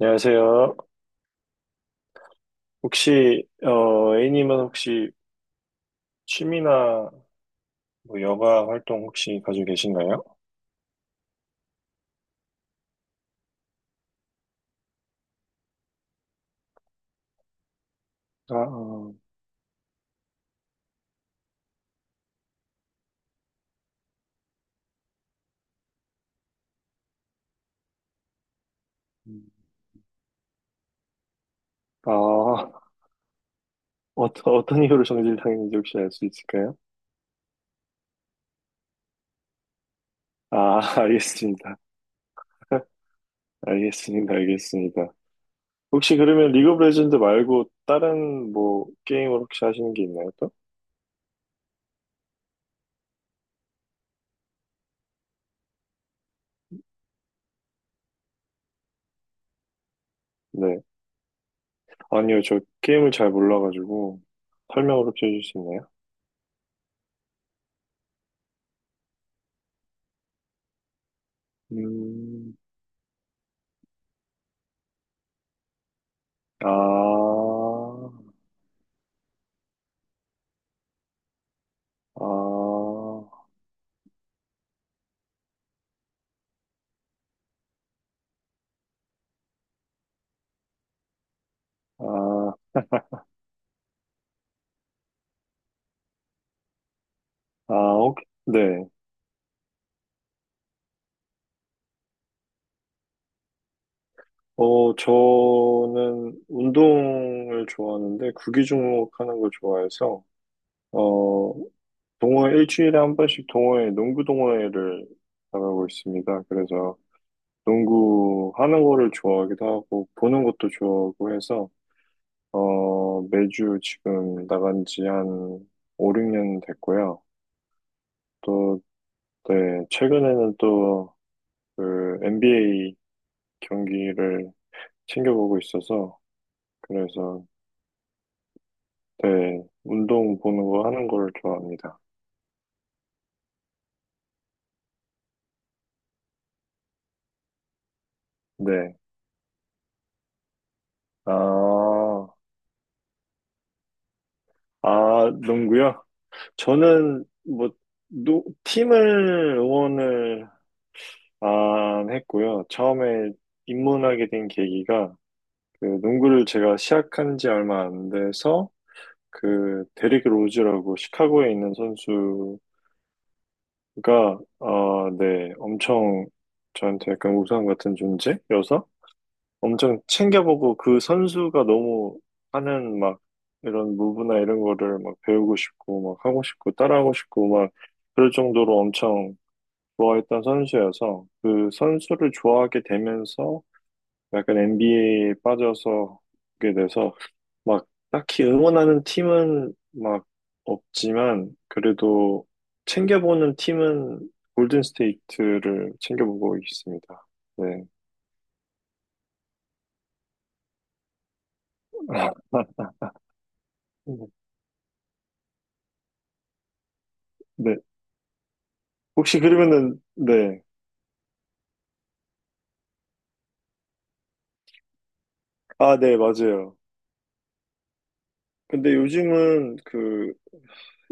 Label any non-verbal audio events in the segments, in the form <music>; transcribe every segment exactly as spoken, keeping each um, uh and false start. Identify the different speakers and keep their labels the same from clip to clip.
Speaker 1: 안녕하세요. 혹시, 어, A님은 혹시 취미나 뭐 여가 활동 혹시 가지고 계신가요? 아, 어, 음. 아, 어떤, 어떤 이유로 정지당했는지 혹시 알 수 있을까요? 아, <laughs> 알겠습니다. 알겠습니다. 알겠습니다. 혹시 그러면 리그 오브 레전드 말고 다른 뭐 게임을 혹시 하시는 게 있나요, 또? 네. 아니요, 저 게임을 잘 몰라가지고 설명을 혹시 해줄 수 있나요? 음, 아, 아, 아, 아, 오케이. 네. 어, 저는 운동을 좋아하는데 구기 종목 하는 걸 좋아해서 어, 동호회 일주일에 한 번씩 동호회, 농구 동호회를 나가고 있습니다. 그래서 농구 하는 거를 좋아하기도 하고 보는 것도 좋아하고 해서 어, 매주 지금 나간 지 한 오, 육 년 됐고요. 또 네, 최근에는 또 그 엔비에이 경기를 챙겨보고 있어서 그래서, 네, 운동 보는 거 하는 걸 좋아합니다. 네. 아, 아, 농구요? 저는 뭐, 노, 팀을 응원을 안 했고요. 처음에 입문하게 된 계기가 그 농구를 제가 시작한 지 얼마 안 돼서 그 데릭 로즈라고 시카고에 있는 선수가 어, 네, 엄청 저한테 약간 우상 같은 존재여서 엄청 챙겨보고 그 선수가 너무 하는 막 이런 무브나 이런 거를 막 배우고 싶고 막 하고 싶고 따라하고 싶고 막 그럴 정도로 엄청 좋아했던 선수여서 그 선수를 좋아하게 되면서 약간 엔비에이에 빠져서 오게 돼서 막 딱히 응원하는 팀은 막 없지만 그래도 챙겨보는 팀은 골든 스테이트를 챙겨보고 있습니다. 네. <laughs> 네. 혹시 그러면은, 네. 아, 네, 맞아요. 근데 요즘은 그,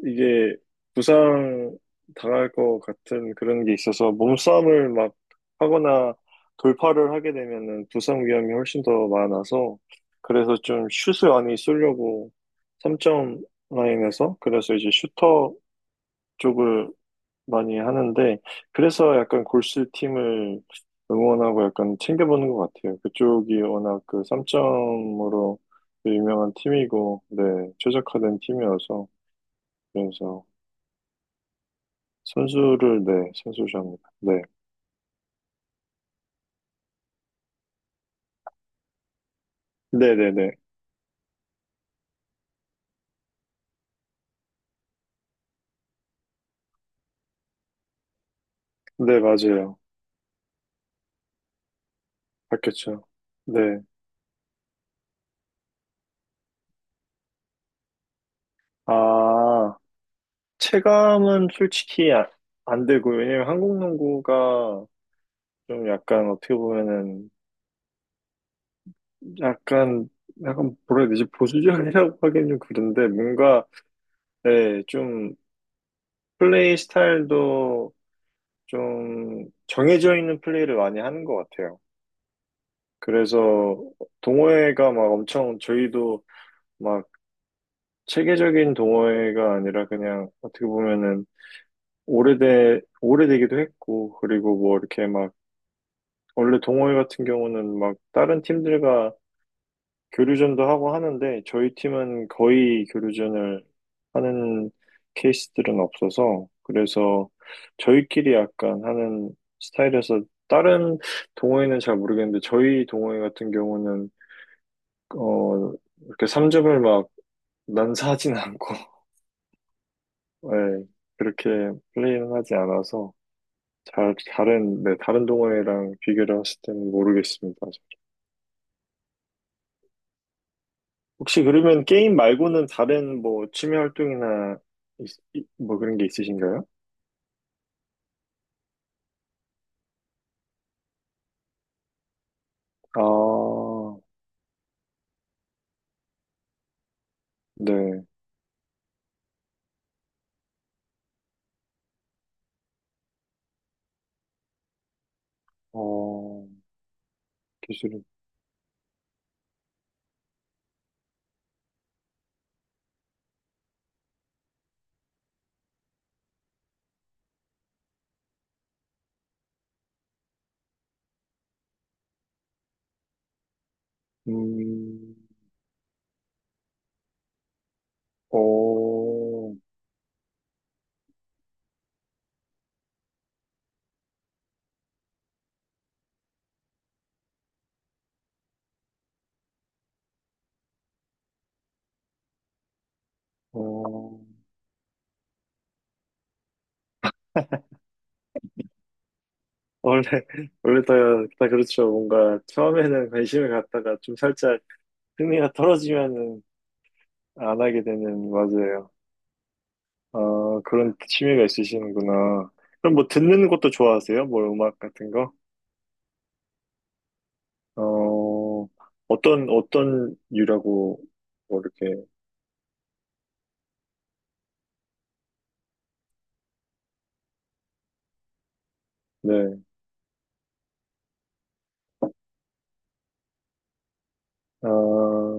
Speaker 1: 이게 부상 당할 것 같은 그런 게 있어서 몸싸움을 막 하거나 돌파를 하게 되면은 부상 위험이 훨씬 더 많아서 그래서 좀 슛을 많이 쏘려고 삼 점 라인에서 그래서 이제 슈터 쪽을 많이 하는데, 그래서 약간 골스 팀을 응원하고 약간 챙겨보는 것 같아요. 그쪽이 워낙 그 삼 점으로 유명한 팀이고, 네, 최적화된 팀이어서, 그래서 선수를, 네, 선수 좋아합니다. 네. 네네네. 네, 맞아요. 바뀌었죠. 네. 아, 체감은 솔직히 아- 안 되고요. 왜냐면 한국 농구가 좀 약간 어떻게 보면은 약간, 약간, 뭐라 해야 되지? 보수적이라고 <laughs> 하긴 좀 그런데, 뭔가, 예, 좀, 플레이 스타일도 좀 정해져 있는 플레이를 많이 하는 것 같아요. 그래서, 동호회가 막 엄청, 저희도 막 체계적인 동호회가 아니라 그냥, 어떻게 보면은, 오래돼, 오래되기도 했고, 그리고 뭐 이렇게 막, 원래 동호회 같은 경우는 막, 다른 팀들과 교류전도 하고 하는데 저희 팀은 거의 교류전을 하는 케이스들은 없어서 그래서 저희끼리 약간 하는 스타일에서 다른 동호회는 잘 모르겠는데 저희 동호회 같은 경우는 어 이렇게 삼 점을 막 난사하진 않고 <laughs> 예, 그렇게 플레이는 하지 않아서 잘 다른 네 다른 동호회랑 비교를 했을 때는 모르겠습니다. 혹시 그러면 게임 말고는 다른 뭐 취미 활동이나 있- 이- 뭐 그런 게 있으신가요? 아, 네. 어, 기술은, 음, 어, 어, 원래, <laughs> 원래 다, 다 그렇죠. 뭔가 처음에는 관심을 갖다가 좀 살짝 흥미가 떨어지면은 안 하게 되는, 맞아요. 아, 그런 취미가 있으시는구나. 그럼 뭐 듣는 것도 좋아하세요? 뭐 음악 같은 거? 어, 어떤, 어떤 유라고, 뭐 이렇게, 네. 아,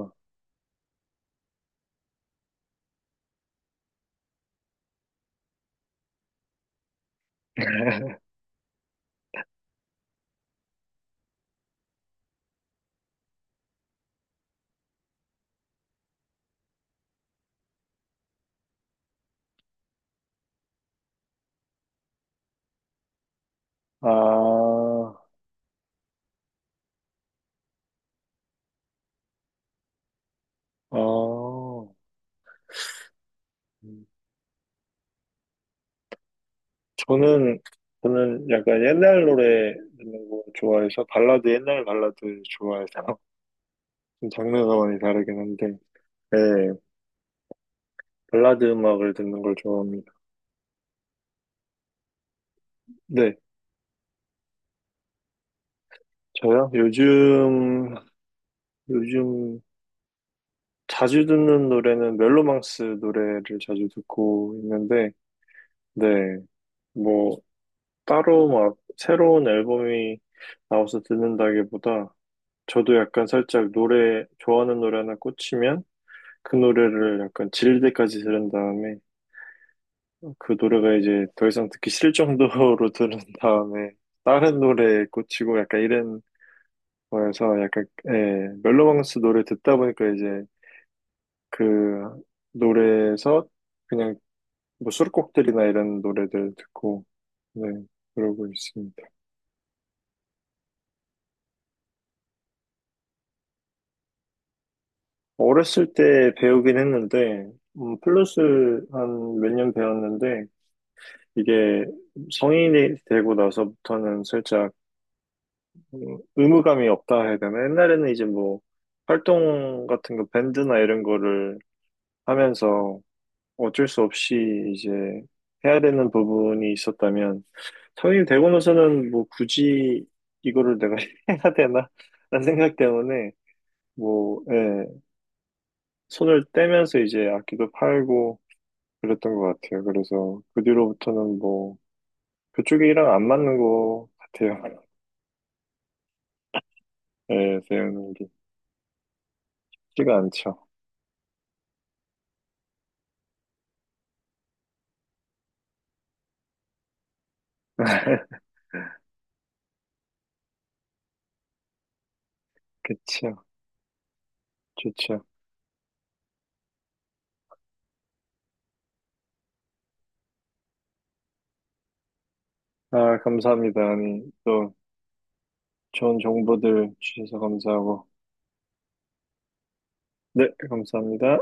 Speaker 1: <laughs> 아, 아. 음. 저는, 저는 약간 옛날 노래 듣는 거 좋아해서, 발라드, 옛날 발라드 좋아해서, <laughs> 좀 장르가 많이 다르긴 한데, 네. 발라드 음악을 듣는 걸 좋아합니다. 네. 저요? 요즘, 요즘 자주 듣는 노래는 멜로망스 노래를 자주 듣고 있는데, 네. 뭐, 따로 막 새로운 앨범이 나와서 듣는다기보다 저도 약간 살짝 노래, 좋아하는 노래 하나 꽂히면 그 노래를 약간 질릴 때까지 들은 다음에 그 노래가 이제 더 이상 듣기 싫을 정도로 <laughs> 들은 다음에 다른 노래에 꽂히고 약간 이런 거여서 약간, 예, 멜로망스 노래 듣다 보니까 이제 그 노래에서 그냥 뭐 수록곡들이나 이런 노래들 듣고, 네, 그러고 있습니다. 어렸을 때 배우긴 했는데, 음, 플러스 한 몇 년 배웠는데, 이게 성인이 되고 나서부터는 살짝 음, 의무감이 없다 해야 되나? 옛날에는 이제 뭐 활동 같은 거, 밴드나 이런 거를 하면서 어쩔 수 없이 이제 해야 되는 부분이 있었다면, 성인이 되고 나서는 뭐 굳이 이거를 내가 <laughs> 해야 되나? 라는 생각 때문에, 뭐, 예, 손을 떼면서 이제 악기도 팔고, 그랬던 것 같아요. 그래서 그 뒤로부터는 뭐 그쪽이랑 안 맞는 것 같아요. <laughs> 예, 배우는 게 쉽지가 않죠. <laughs> 그쵸, 좋죠. 아, 감사합니다. 아니, 또 좋은 정보들 주셔서 감사하고. 네, 감사합니다.